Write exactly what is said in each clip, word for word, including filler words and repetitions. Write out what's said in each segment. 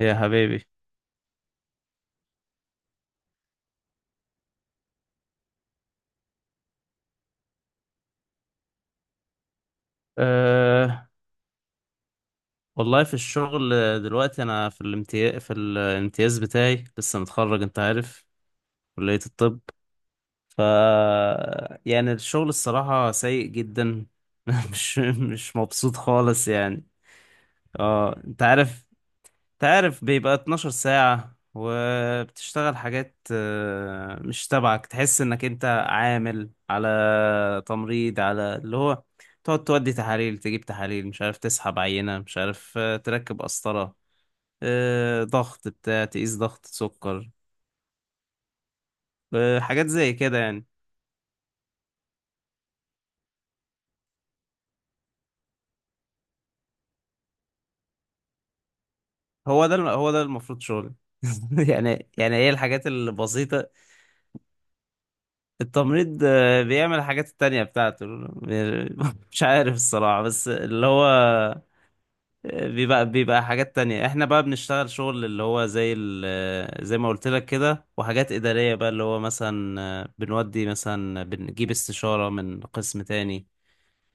يا حبيبي. أه والله في الشغل دلوقتي انا في الامتياز في الامتياز بتاعي، لسه متخرج، انت عارف، كلية الطب. ف يعني الشغل الصراحة سيء جدا. مش مش مبسوط خالص يعني. اه انت عارف، تعرف بيبقى اتناشر ساعة وبتشتغل حاجات آه، مش تبعك، تحس انك انت عامل على تمريض، على اللي هو تقعد تودي تحاليل، تجيب تحاليل، مش عارف تسحب عينة، مش عارف آه، تركب قسطرة، آه، ضغط بتاع، تقيس ضغط سكر، آه، حاجات زي كده يعني. هو ده هو ده المفروض شغل. يعني يعني هي الحاجات البسيطة. التمريض آه، بيعمل الحاجات التانية بتاعته. مش عارف الصراحة، بس اللي هو بيبقى بيبقى حاجات تانية. احنا بقى بنشتغل شغل اللي هو زي ال زي ما قلت لك كده، وحاجات إدارية بقى اللي هو مثلا، آه، بنودي مثلا، بنجيب استشارة من قسم تاني،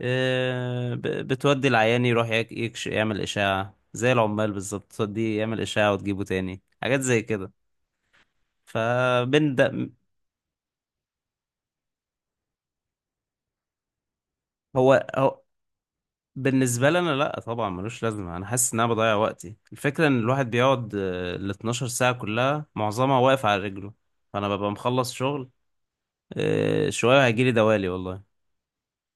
آه، ب- بتودي العيان يروح يك- يكش يعمل إشاعة زي العمال بالظبط، توديه يعمل إشاعة وتجيبه تاني، حاجات زي كده. فبين ده، هو بالنسبة لي أنا لأ طبعا، ملوش لازمة. أنا حاسس إن أنا بضيع وقتي. الفكرة إن الواحد بيقعد آه، ال اتناشر ساعة كلها، معظمها واقف على رجله. فأنا ببقى مخلص شغل، آه، شوية هيجيلي دوالي والله.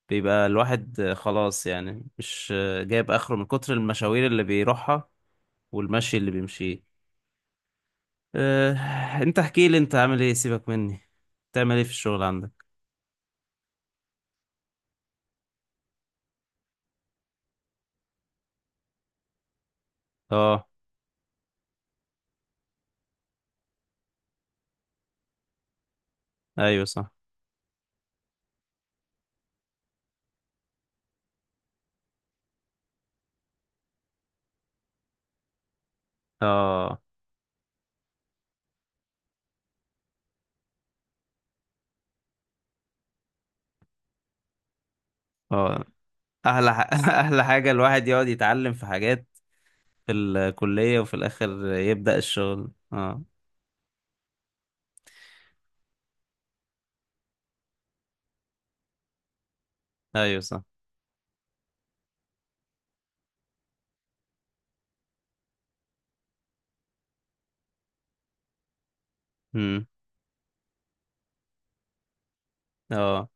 بيبقى الواحد آه، خلاص يعني، مش آه، جايب آخره من كتر المشاوير اللي بيروحها والمشي اللي بيمشيه. آه، أنت احكي لي، أنت عامل إيه، سيبك مني، بتعمل إيه في الشغل عندك؟ أه. أيوه صح. أه. أه. أحلى ح- أحلى حاجة الواحد يقعد يتعلم في حاجات في الكلية، وفي الآخر يبدأ الشغل. اه. أيوة صح. امم. اه.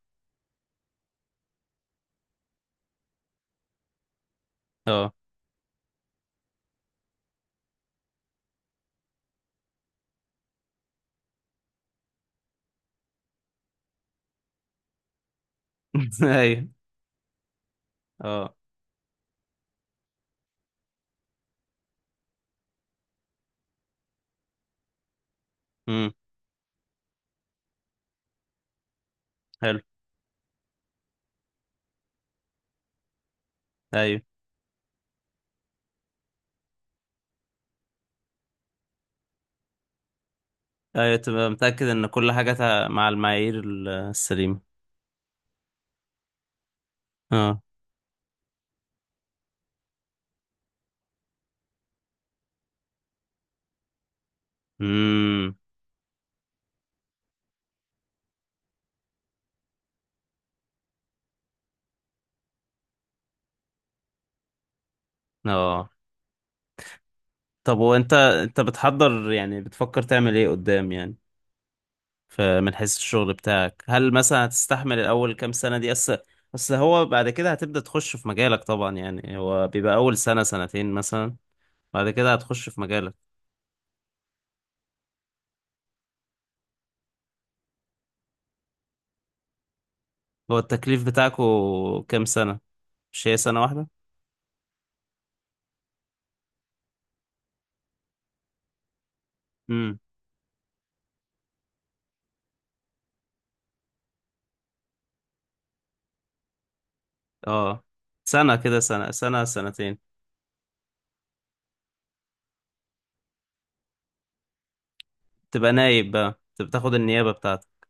اه. أيوة. اه. امم. حلو. أيوة. أيوة تبقى متأكد إن كل حاجة تع- مع المعايير ال- السليمة. اه. امم. اه. طب وأنت، أنت بتحضر يعني، بتفكر تعمل إيه قدام يعني؟ فمن حيث الشغل بتاعك، هل مثلا هتستحمل الأول كام سنة دي؟ أصل، أصل هو بعد كده هتبدأ تخش في مجالك طبعا يعني. هو بيبقى أول سنة سنتين مثلا، بعد كده هتخش في مجالك. هو التكليف بتاعكو كام سنة؟ مش هي سنة واحدة؟ امم. اه. سنة كده، سنة سنة سنتين. تبقى نايب بقى، تبقى تاخد النيابة بتاعتك.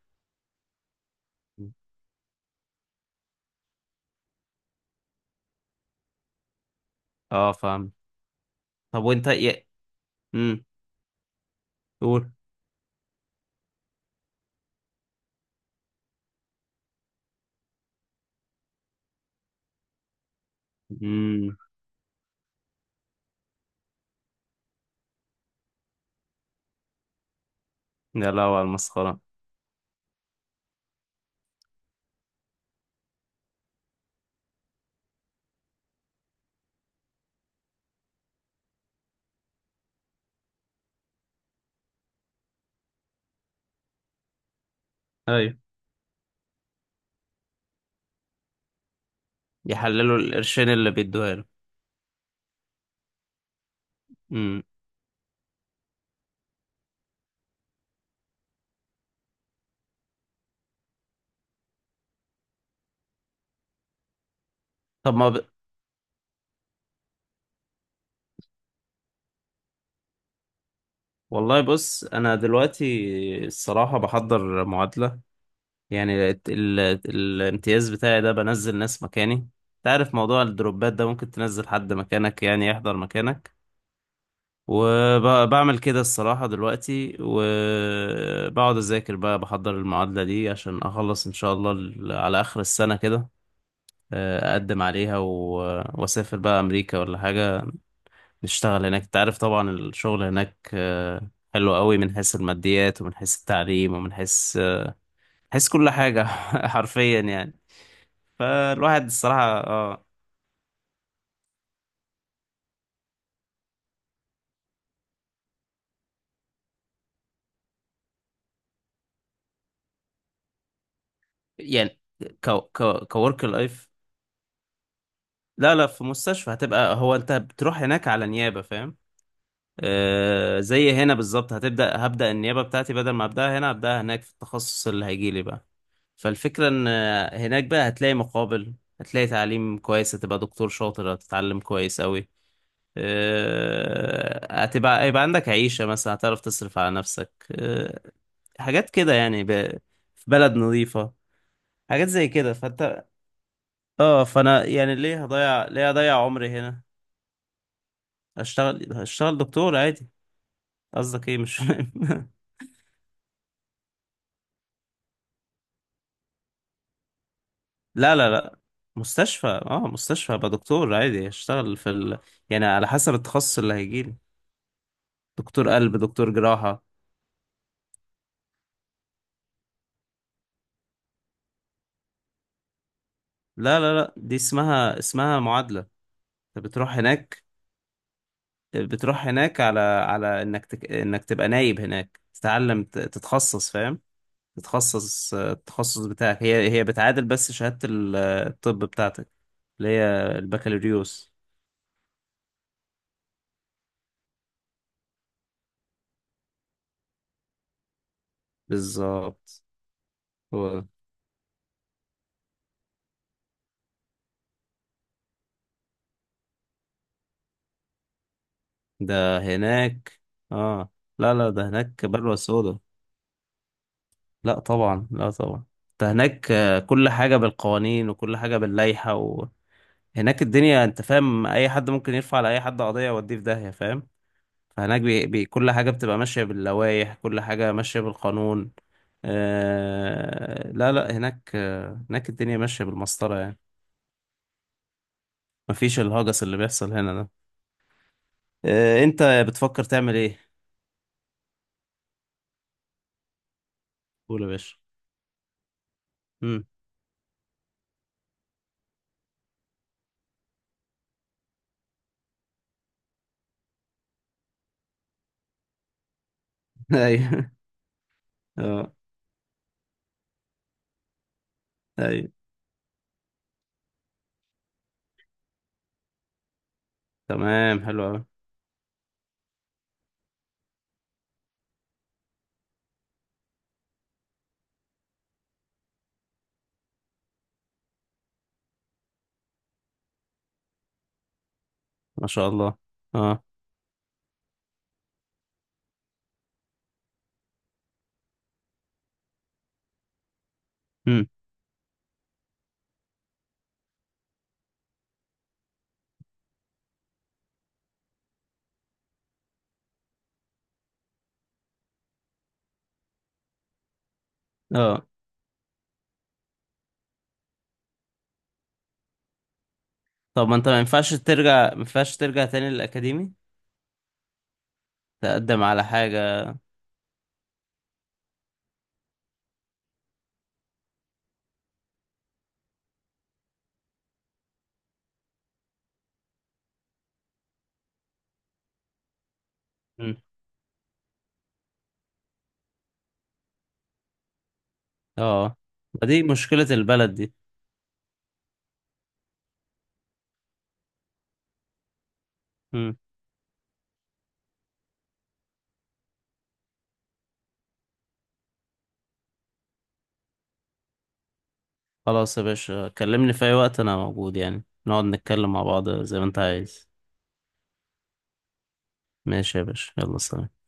مم. اه فاهم. طب وانت يا، امم. قول. امم. يا لهوي على المسخرة. ايوه. يحللوا القرشين اللي بيدوها له. امم. طب ما ب... والله بص، انا دلوقتي الصراحة بحضر معادلة، يعني ال... ال... الامتياز بتاعي ده بنزل ناس مكاني. تعرف موضوع الدروبات ده، ممكن تنزل حد مكانك يعني يحضر مكانك، وبعمل كده الصراحة دلوقتي. وبقعد أذاكر بقى، بحضر المعادلة دي عشان أخلص إن شاء الله ال- على آخر السنة كده، آه، أقدم عليها، و- وأسافر بقى أمريكا ولا حاجة، نشتغل هناك. تعرف طبعا الشغل هناك آه، حلو قوي، من حيث الماديات، ومن حيث التعليم، ومن حيث آه، حيث كل حاجة. حرفيا يعني. فالواحد الصراحة، اه يعني ك ك كورك لايف. لا لا، في مستشفى. هتبقى، هو انت بتروح هناك على نيابة، فاهم؟ آه زي هنا بالظبط، هتبدأ، هبدأ النيابة بتاعتي. بدل ما ابدأها هنا هبدأها هناك، في التخصص اللي هيجيلي بقى. فالفكرة ان آه، هناك بقى هتلاقي مقابل، هتلاقي تعليم كويس، هتبقى دكتور شاطر، هتتعلم كويس قوي، آه، هتبقى هيبقى عندك عيشة مثلا، هتعرف تصرف على نفسك، آه، حاجات كده يعني، ب... في بلد نظيفة، حاجات زي كده. فانت، اه فانا يعني، ليه هضيع ليه هضيع عمري هنا؟ اشتغل، اشتغل دكتور عادي. قصدك ايه مش فاهم؟ لا لا لا مستشفى، اه مستشفى، ابقى دكتور عادي، اشتغل في ال... يعني على حسب التخصص اللي هيجيلي، دكتور قلب دكتور جراحة. لا لا لا دي اسمها اسمها معادلة. انت بتروح هناك، بتروح هناك على على انك تك... انك تبقى نايب هناك، تتعلم ت- تتخصص فاهم؟ تتخصص التخصص بتاعك. هي هي بتعادل بس شهادة ال- الطب بتاعتك اللي هي البكالوريوس. بالظبط، هو ده. ده هناك، اه. لا لا ده هناك بلوى سودا. لا طبعا، لا طبعا. ده هناك آه، كل حاجة بالقوانين وكل حاجة باللائحة، وهناك الدنيا انت فاهم، اي حد ممكن يرفع على اي حد قضية، يوديه في داهية فاهم؟ فهناك بي... بي... كل حاجة بتبقى ماشية باللوائح، كل حاجة ماشية بالقانون. آه لا لا هناك، آه هناك الدنيا ماشية بالمسطرة يعني، مفيش الهجس اللي بيحصل هنا ده. آه انت بتفكر تعمل ايه؟ قول يا باشا. امم. ايوه. اه. ايوه. تمام حلو قوي. ما شاء الله. اه. امم. اه. طب ما انت ما ينفعش ترجع، ما ينفعش ترجع تاني للأكاديمي، تقدم على حاجة؟ امم. اه. ما دي مشكلة البلد دي. امم. خلاص يا باشا، كلمني في اي وقت، انا موجود يعني، نقعد نتكلم مع بعض زي ما انت عايز. ماشي يا باشا، يلا سلام.